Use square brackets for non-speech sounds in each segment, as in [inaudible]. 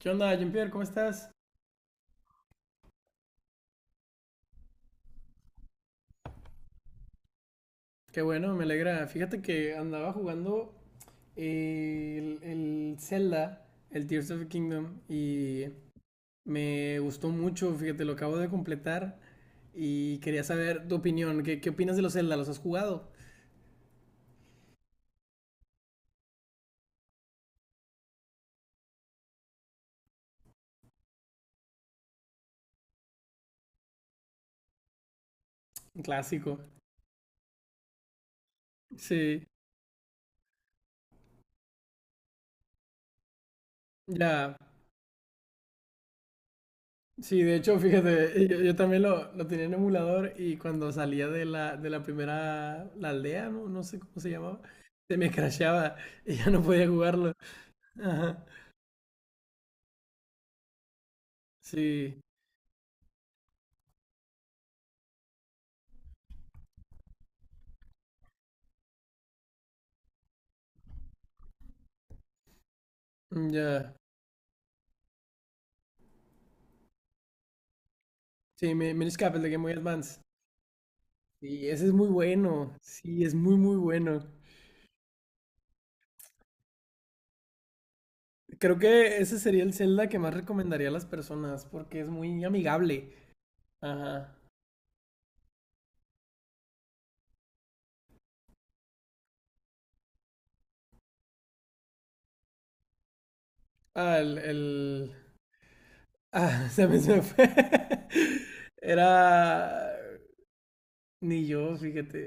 ¿Qué onda, Jean-Pierre? ¿Cómo estás? Qué bueno, me alegra. Fíjate que andaba jugando el Zelda, el Tears of the Kingdom, y me gustó mucho. Fíjate, lo acabo de completar y quería saber tu opinión. ¿Qué opinas de los Zelda? ¿Los has jugado? Un clásico. Sí, ya. Sí, de hecho, fíjate, yo también lo tenía en emulador y cuando salía de la primera, la aldea, no, no sé cómo se llamaba, se me crasheaba y ya no podía jugarlo. Ajá. Sí, mm, ya. Sí, Minish Cap, el de Game Boy Advance. Sí, ese es muy bueno. Sí, es muy, muy bueno. Creo que ese sería el Zelda que más recomendaría a las personas porque es muy amigable. Ajá. Ah, Ah, [laughs] se me fue. [laughs] Era. Ni yo, fíjate.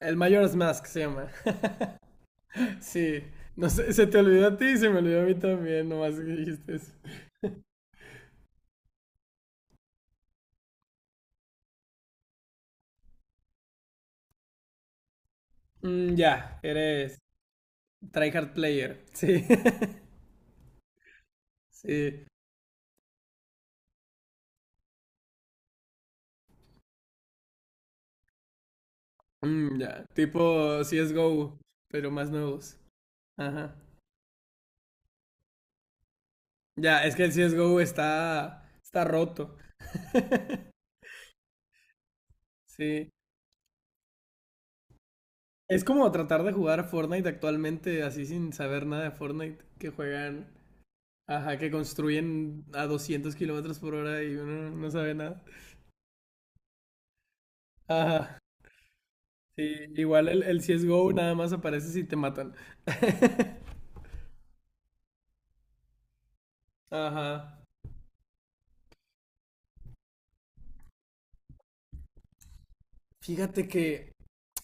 El Majora's Mask se llama. [laughs] Sí. No sé, se te olvidó a ti y se me olvidó a mí también, nomás que dijiste eso. Mm, ya, eres tryhard player. Sí. [laughs] Sí. Mm, ya, tipo CSGO, pero más nuevos. Ajá. Ya, es que el CSGO está roto. Sí. Es como tratar de jugar a Fortnite actualmente así sin saber nada de Fortnite, que juegan, ajá, que construyen a 200 kilómetros por hora y uno no sabe nada. Ajá. Sí, igual el CSGO nada más aparece si te matan. [laughs] Ajá. Fíjate que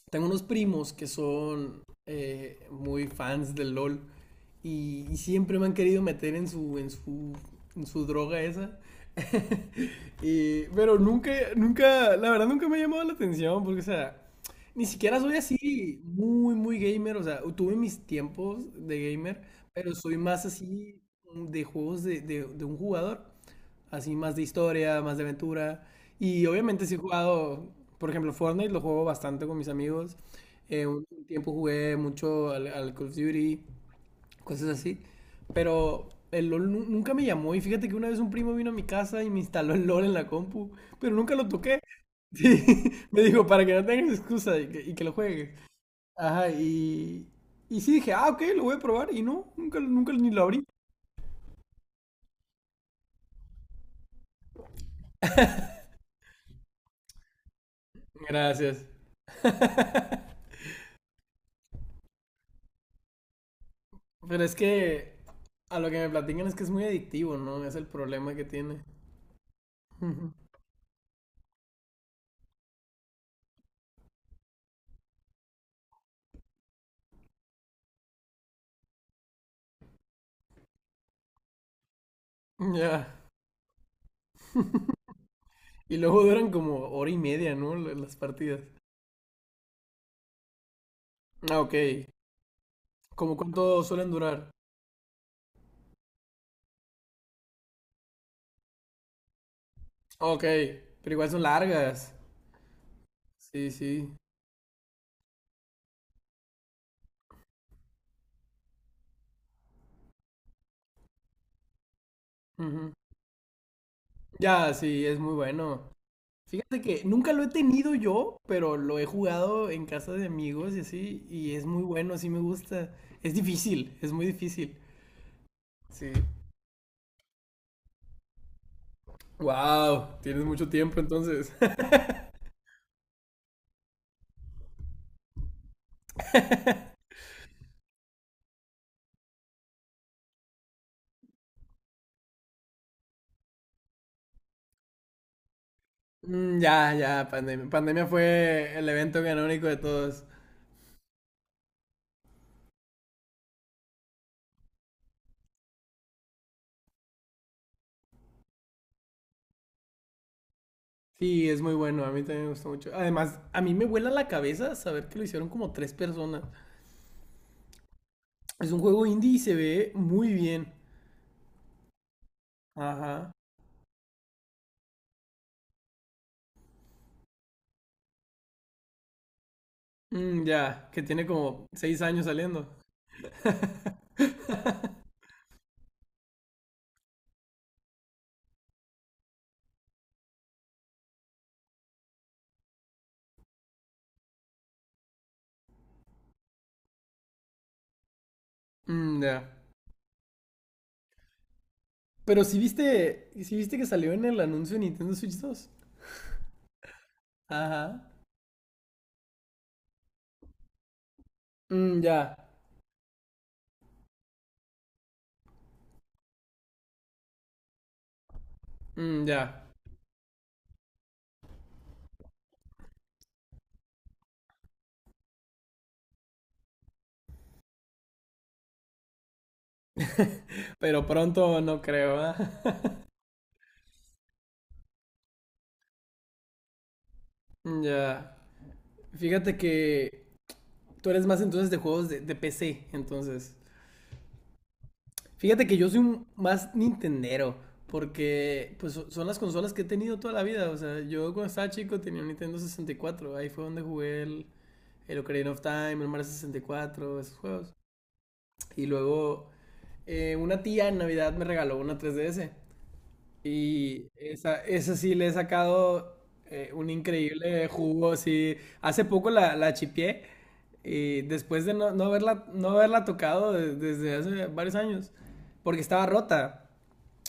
tengo unos primos que son muy fans del LOL y siempre me han querido meter en su droga esa. Y, pero nunca, nunca, la verdad nunca me ha llamado la atención, porque, o sea, ni siquiera soy así muy, muy gamer, o sea, tuve mis tiempos de gamer, pero soy más así de juegos de un jugador, así más de historia, más de aventura, y obviamente sí he jugado, por ejemplo, Fortnite lo juego bastante con mis amigos, un tiempo jugué mucho al Call of Duty, cosas así. Pero el LOL nunca me llamó y fíjate que una vez un primo vino a mi casa y me instaló el LOL en la compu, pero nunca lo toqué. [laughs] Sí, me dijo, para que no tengas excusa y que lo juegues. Ajá, y sí dije, ah, ok, lo voy a probar y no, nunca, nunca ni lo abrí. Gracias. Pero es que a lo que me platican es que es muy adictivo, ¿no? Es el problema que tiene. [laughs] Ujú. Ya. Y luego duran como hora y media, ¿no? Las partidas. Ah, ok. ¿Cómo cuánto suelen durar? Ok, pero igual son largas. Sí, sí. Ujú. Ya, sí, es muy bueno. Fíjate que nunca lo he tenido yo, pero lo he jugado en casa de amigos y así, y es muy bueno, sí me gusta. Es difícil, es muy difícil. Sí. Wow, tienes mucho tiempo entonces. [laughs] Mm, ya, ya, pandemia. Pandemia fue el evento canónico de todos. Sí, es muy bueno, a mí también me gustó mucho. Además, a mí me vuela la cabeza saber que lo hicieron como tres personas. Es un juego indie y se ve muy bien. Ajá. Mm, ya, que tiene como 6 años saliendo. Mm, ya. Pero si viste que salió en el anuncio de Nintendo Switch 2. Ajá. Mm, ya. Mm, ya. [laughs] Pero pronto no creo, ¿ah? [laughs] Mm, ya. Fíjate que tú eres más entonces de juegos de PC, entonces. Fíjate que yo soy un más nintendero, porque pues son las consolas que he tenido toda la vida. O sea, yo cuando estaba chico tenía un Nintendo 64, ahí fue donde jugué el Ocarina of Time, el Mario 64, esos juegos. Y luego una tía en Navidad me regaló una 3DS. Y esa sí le he sacado un increíble jugo. Sí. Hace poco la chipié. Y después de no haberla tocado desde hace varios años. Porque estaba rota.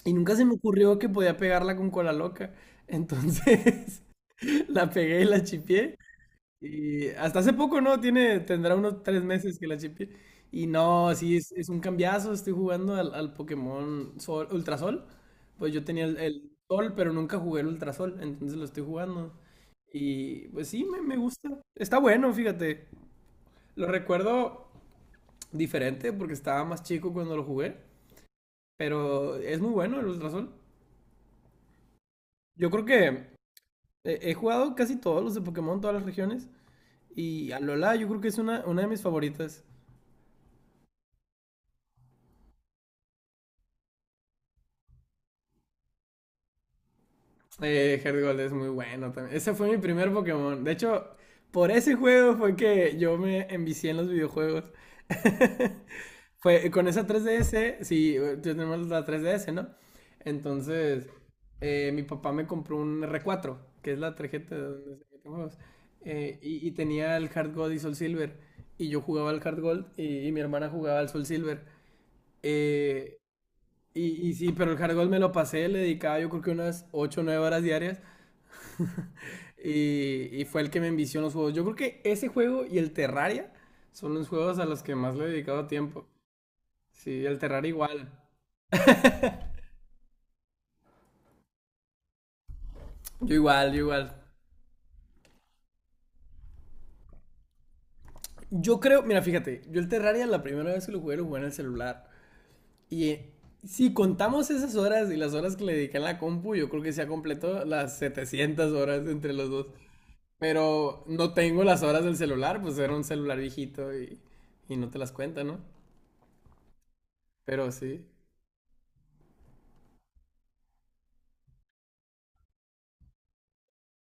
Y nunca se me ocurrió que podía pegarla con cola loca. Entonces [laughs] la pegué y la chipié. Y hasta hace poco, ¿no? Tendrá unos 3 meses que la chipié. Y no, sí, es un cambiazo. Estoy jugando al Pokémon Sol, Ultrasol. Pues yo tenía el Sol, pero nunca jugué el Ultra Sol. Entonces lo estoy jugando. Y pues sí, me gusta. Está bueno, fíjate. Lo recuerdo diferente porque estaba más chico cuando lo jugué. Pero es muy bueno el Ultra Sol. Yo creo que he jugado casi todos los de Pokémon, todas las regiones. Y Alola, yo creo que es una de mis favoritas. Heart Gold es muy bueno también. Ese fue mi primer Pokémon. De hecho, por ese juego fue que yo me envicié en los videojuegos. [laughs] Fue con esa 3DS, sí, tenemos la 3DS, ¿no? Entonces, mi papá me compró un R4, que es la tarjeta de donde se meten juegos. Y tenía el Hard Gold y Soul Silver. Y yo jugaba al Hard Gold y mi hermana jugaba al Soul Silver. Eh, y sí, pero el Hard Gold me lo pasé, le dedicaba yo creo que unas 8 o 9 horas diarias. [laughs] Y fue el que me envició en los juegos. Yo creo que ese juego y el Terraria son los juegos a los que más le he dedicado tiempo. Sí, el Terraria igual. Yo igual, yo igual. Yo creo, mira, fíjate, yo el Terraria la primera vez que lo jugué en el celular. Y si contamos esas horas y las horas que le dediqué en la compu, yo creo que se ha completado las 700 horas entre los dos. Pero no tengo las horas del celular, pues era un celular viejito y no te las cuenta, ¿no? Pero sí.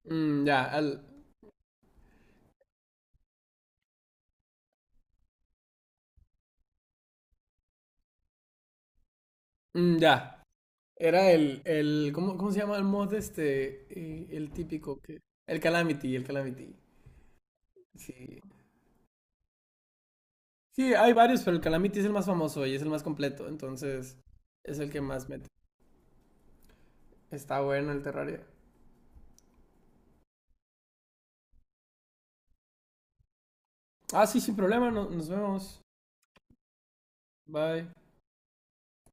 Mm, ya, mm, ya. Era el ¿cómo, cómo se llama el mod este? El típico que. El Calamity, el Calamity. Sí. Sí, hay varios, pero el Calamity es el más famoso y es el más completo, entonces es el que más mete. Está bueno el Terraria. Ah, sí, sin problema, nos vemos. Bye.